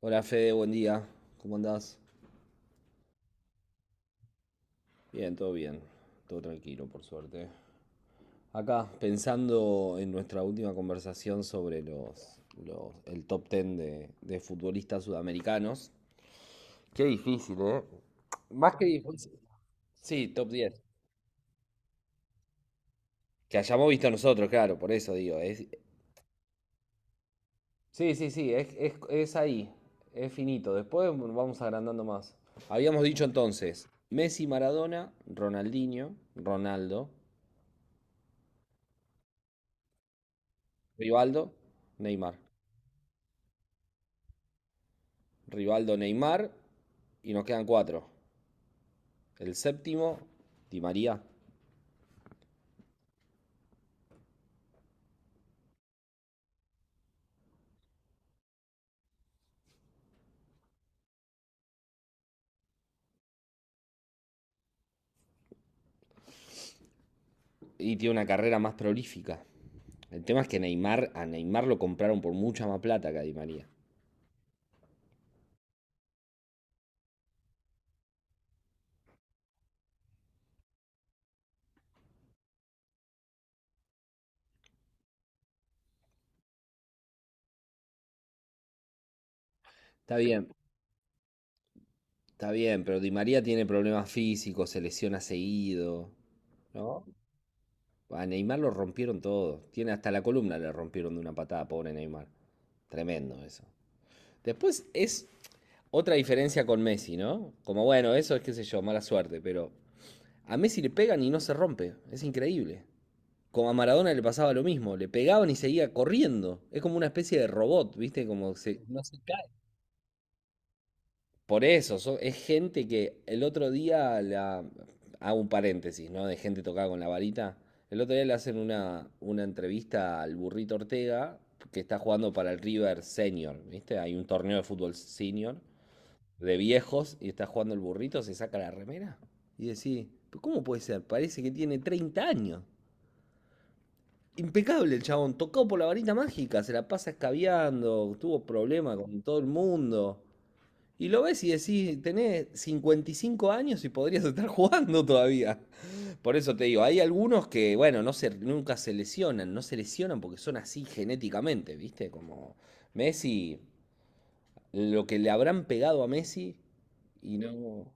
Hola Fede, buen día. ¿Cómo andás? Bien. Todo tranquilo, por suerte. Acá, pensando en nuestra última conversación sobre el top ten de futbolistas sudamericanos. Qué difícil, ¿eh? Más que difícil. Sí, top 10. Que hayamos visto nosotros, claro, por eso digo. Sí, sí, sí, es ahí. Es finito. Después vamos agrandando más. Habíamos dicho entonces, Messi, Maradona, Ronaldinho, Ronaldo, Rivaldo, Neymar. Rivaldo, Neymar. Y nos quedan cuatro. El séptimo, Di María. Y tiene una carrera más prolífica. El tema es que Neymar, a Neymar lo compraron por mucha más plata que a Di María. Está bien, está bien, pero Di María tiene problemas físicos, se lesiona seguido, ¿no? A Neymar lo rompieron todo. Tiene hasta la columna le rompieron de una patada, pobre Neymar. Tremendo eso. Después es otra diferencia con Messi, ¿no? Como bueno, eso es qué sé yo, mala suerte, pero a Messi le pegan y no se rompe, es increíble. Como a Maradona le pasaba lo mismo, le pegaban y seguía corriendo. Es como una especie de robot, ¿viste? Como se- no- Por eso, es gente que el otro día Hago un paréntesis, ¿no? De gente tocada con la varita. El otro día le hacen una entrevista al burrito Ortega, que está jugando para el River Senior, ¿viste? Hay un torneo de fútbol senior, de viejos, y está jugando el burrito, se saca la remera y decís, ¿cómo puede ser? Parece que tiene 30 años. Impecable el chabón, tocado por la varita mágica, se la pasa escabeando, tuvo problemas con todo el mundo. Y lo ves y decís, tenés 55 años y podrías estar jugando todavía. Por eso te digo, hay algunos que, bueno, no se, nunca se lesionan, no se lesionan porque son así genéticamente, ¿viste? Como Messi, lo que le habrán pegado a Messi y no,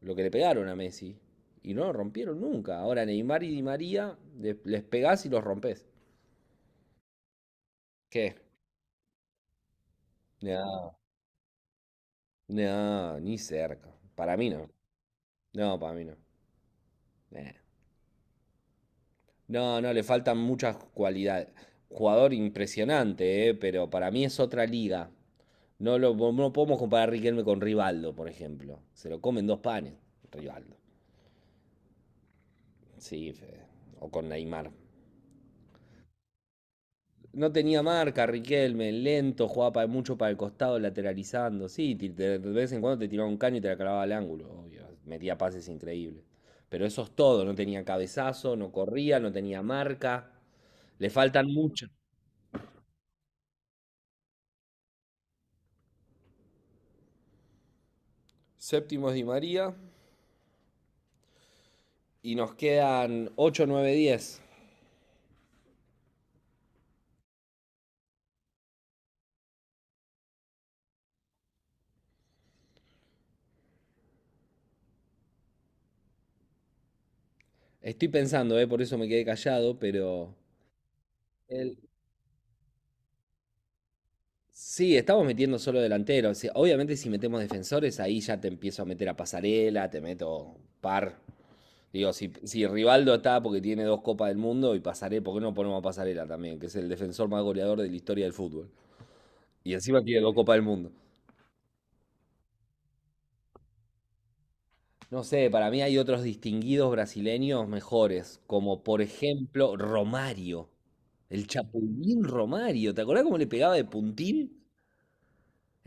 lo que le pegaron a Messi. Y no lo rompieron nunca. Ahora Neymar y Di María les pegás y los rompes. ¿Qué? No, no, ni cerca. Para mí no. No, para mí no. Eh. No, no, le faltan muchas cualidades. Jugador impresionante, pero para mí es otra liga. No lo no no podemos comparar a Riquelme con Rivaldo, por ejemplo. Se lo comen dos panes, Rivaldo. Sí, Fede. O con Neymar. No tenía marca, Riquelme, lento, jugaba mucho para el costado, lateralizando. Sí, de vez en cuando te tiraba un caño y te la clavaba al ángulo, obvio. Metía pases increíbles. Pero eso es todo, no tenía cabezazo, no corría, no tenía marca. Le faltan muchas. Séptimo es Di María y nos quedan ocho, nueve, diez. Estoy pensando, por eso me quedé callado, el- Sí, estamos metiendo solo delanteros. Sí, obviamente si metemos defensores, ahí ya te empiezo a meter a Pasarela, te meto par. Digo, si Rivaldo está porque tiene dos Copas del Mundo y Pasarela, ¿por qué no ponemos a Pasarela también? Que es el defensor más goleador de la historia del fútbol. Y encima tiene dos Copas del Mundo. No sé, para mí hay otros distinguidos brasileños mejores, como por ejemplo Romario. El Chapulín Romario. ¿Te acordás cómo le pegaba de puntín?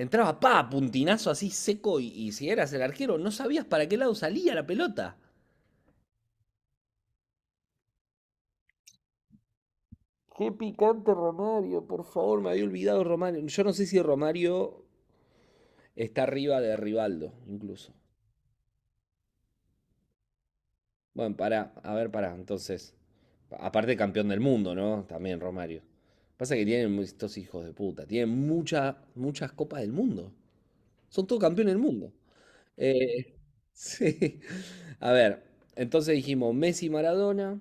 Entraba, pa, puntinazo así seco y si eras el arquero no sabías para qué lado salía la pelota. Qué picante Romario, por favor, me había olvidado Romario. Yo no sé si Romario está arriba de Rivaldo, incluso. Bueno, pará, a ver, pará, entonces. Aparte campeón del mundo, ¿no? También Romario. Pasa que tienen estos hijos de puta. Tienen muchas, muchas copas del mundo. Son todos campeones del mundo. Eh, sí. A ver, entonces dijimos Messi, Maradona,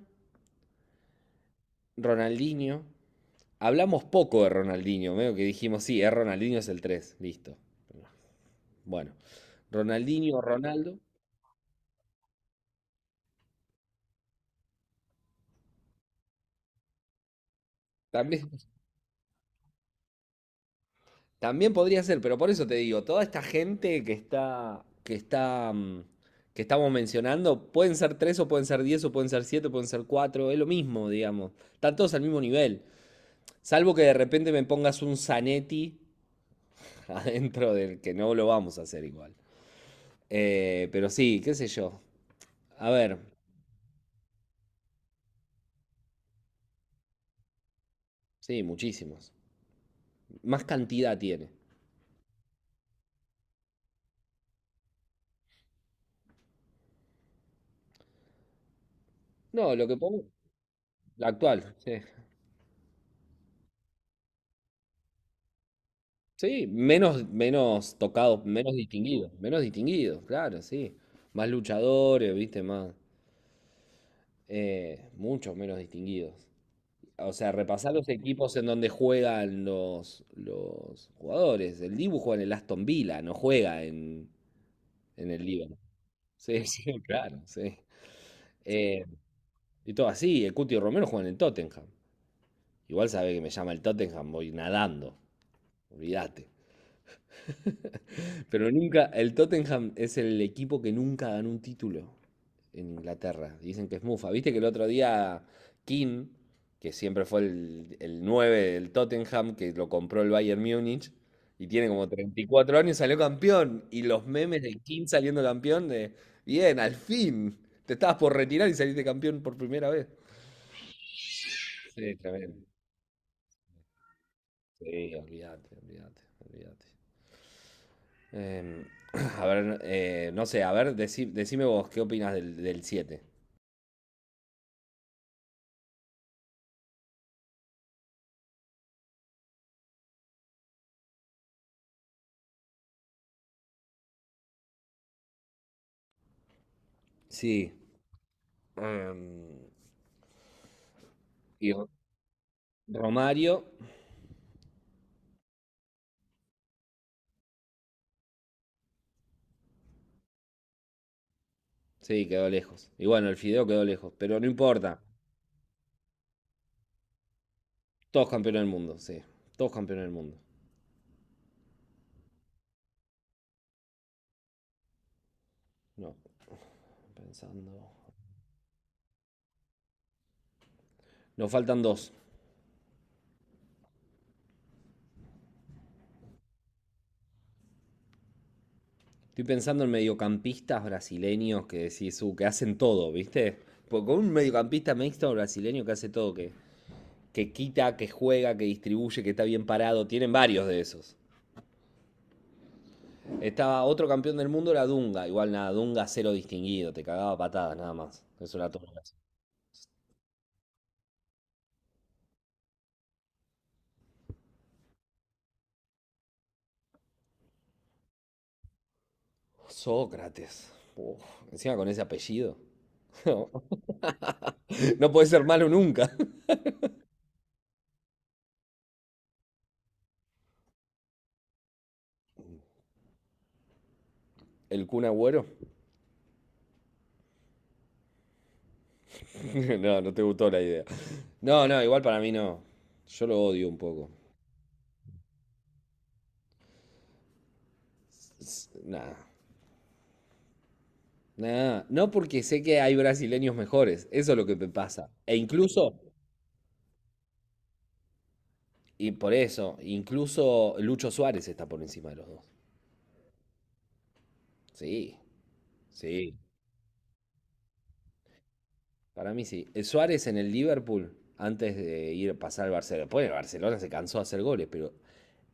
Ronaldinho. Hablamos poco de Ronaldinho, medio que dijimos, sí, es Ronaldinho es el 3 listo. Bueno, Ronaldinho, Ronaldo, también, También. Podría ser, pero por eso te digo, toda esta gente que está, que estamos mencionando, pueden ser tres o pueden ser diez o pueden ser siete, pueden ser cuatro, es lo mismo, digamos. Están todos al mismo nivel. Salvo que de repente me pongas un Zanetti adentro del que no lo vamos a hacer igual. Pero sí, qué sé yo. A ver, sí, muchísimos. Más cantidad tiene. No, lo que pongo, la actual, sí. Sí, menos, menos tocado, menos distinguido, claro, sí. Más luchadores, viste, más, muchos menos distinguidos. O sea, repasar los equipos en donde juegan los jugadores. El Dibu juega en el Aston Villa, no juega en el Liverpool. Sí, sí, claro, sí. Eh, y todo así, el Cuti Romero juega en el Tottenham. Igual sabe que me llama el Tottenham, voy nadando, olvídate. Pero nunca, el Tottenham es el equipo que nunca ganó un título en Inglaterra. Dicen que es mufa. Viste que el otro día King, que siempre fue el 9 del Tottenham, que lo compró el Bayern Múnich, y tiene como 34 años, salió campeón. Y los memes de King saliendo campeón de, bien, al fin, te estabas por retirar y saliste campeón por primera vez. Sí, tremendo. Sí, olvídate, olvídate, olvídate. Em, a ver, no sé, a ver, decime vos, ¿qué opinas del siete? Sí. Em, y Romario, sí, quedó lejos. Y bueno, el Fideo quedó lejos, pero no importa. Todos campeones del mundo, sí. Todos campeones del mundo. No, pensando. Nos faltan dos. Estoy pensando en mediocampistas brasileños que decís, que hacen todo, ¿viste? Porque con un mediocampista mixto brasileño que hace todo, que quita, que juega, que distribuye, que está bien parado, tienen varios de esos. Estaba otro campeón del mundo, era Dunga. Igual nada, Dunga cero distinguido, te cagaba patadas nada más. Eso era todo. Sócrates. Uf, encima con ese apellido. No, no puede ser malo nunca. ¿El Kun Agüero? No, no te gustó la idea. No, no, igual para mí no. Yo lo odio un poco. Nada. Nada. No porque sé que hay brasileños mejores. Eso es lo que me pasa. E incluso, y por eso, incluso Lucho Suárez está por encima de los dos. Sí, sí. Para mí sí. El Suárez en el Liverpool, antes de ir a pasar al Barcelona. Después el Barcelona se cansó de hacer goles, pero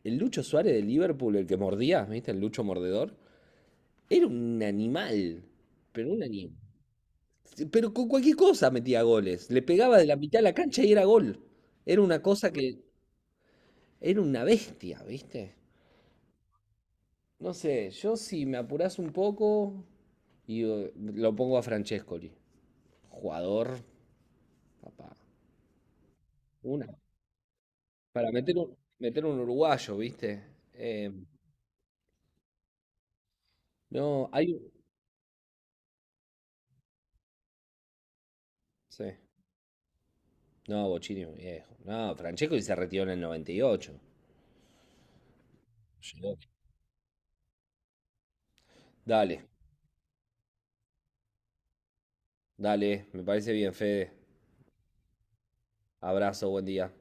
el Lucho Suárez del Liverpool, el que mordía, ¿viste? El Lucho mordedor, era un animal. Pero un animal. Pero con cualquier cosa metía goles. Le pegaba de la mitad de la cancha y era gol. Era una cosa que. Era una bestia, ¿viste? No sé, yo si me apurás un poco. Y lo pongo a Francescoli. Jugador, papá. Una. Para meter un uruguayo, ¿viste? Eh, no, Sí. No, Bochini es viejo. No, Francesco se retiró en el 98. Llegó. Dale, dale, me parece bien, Fede. Abrazo, buen día.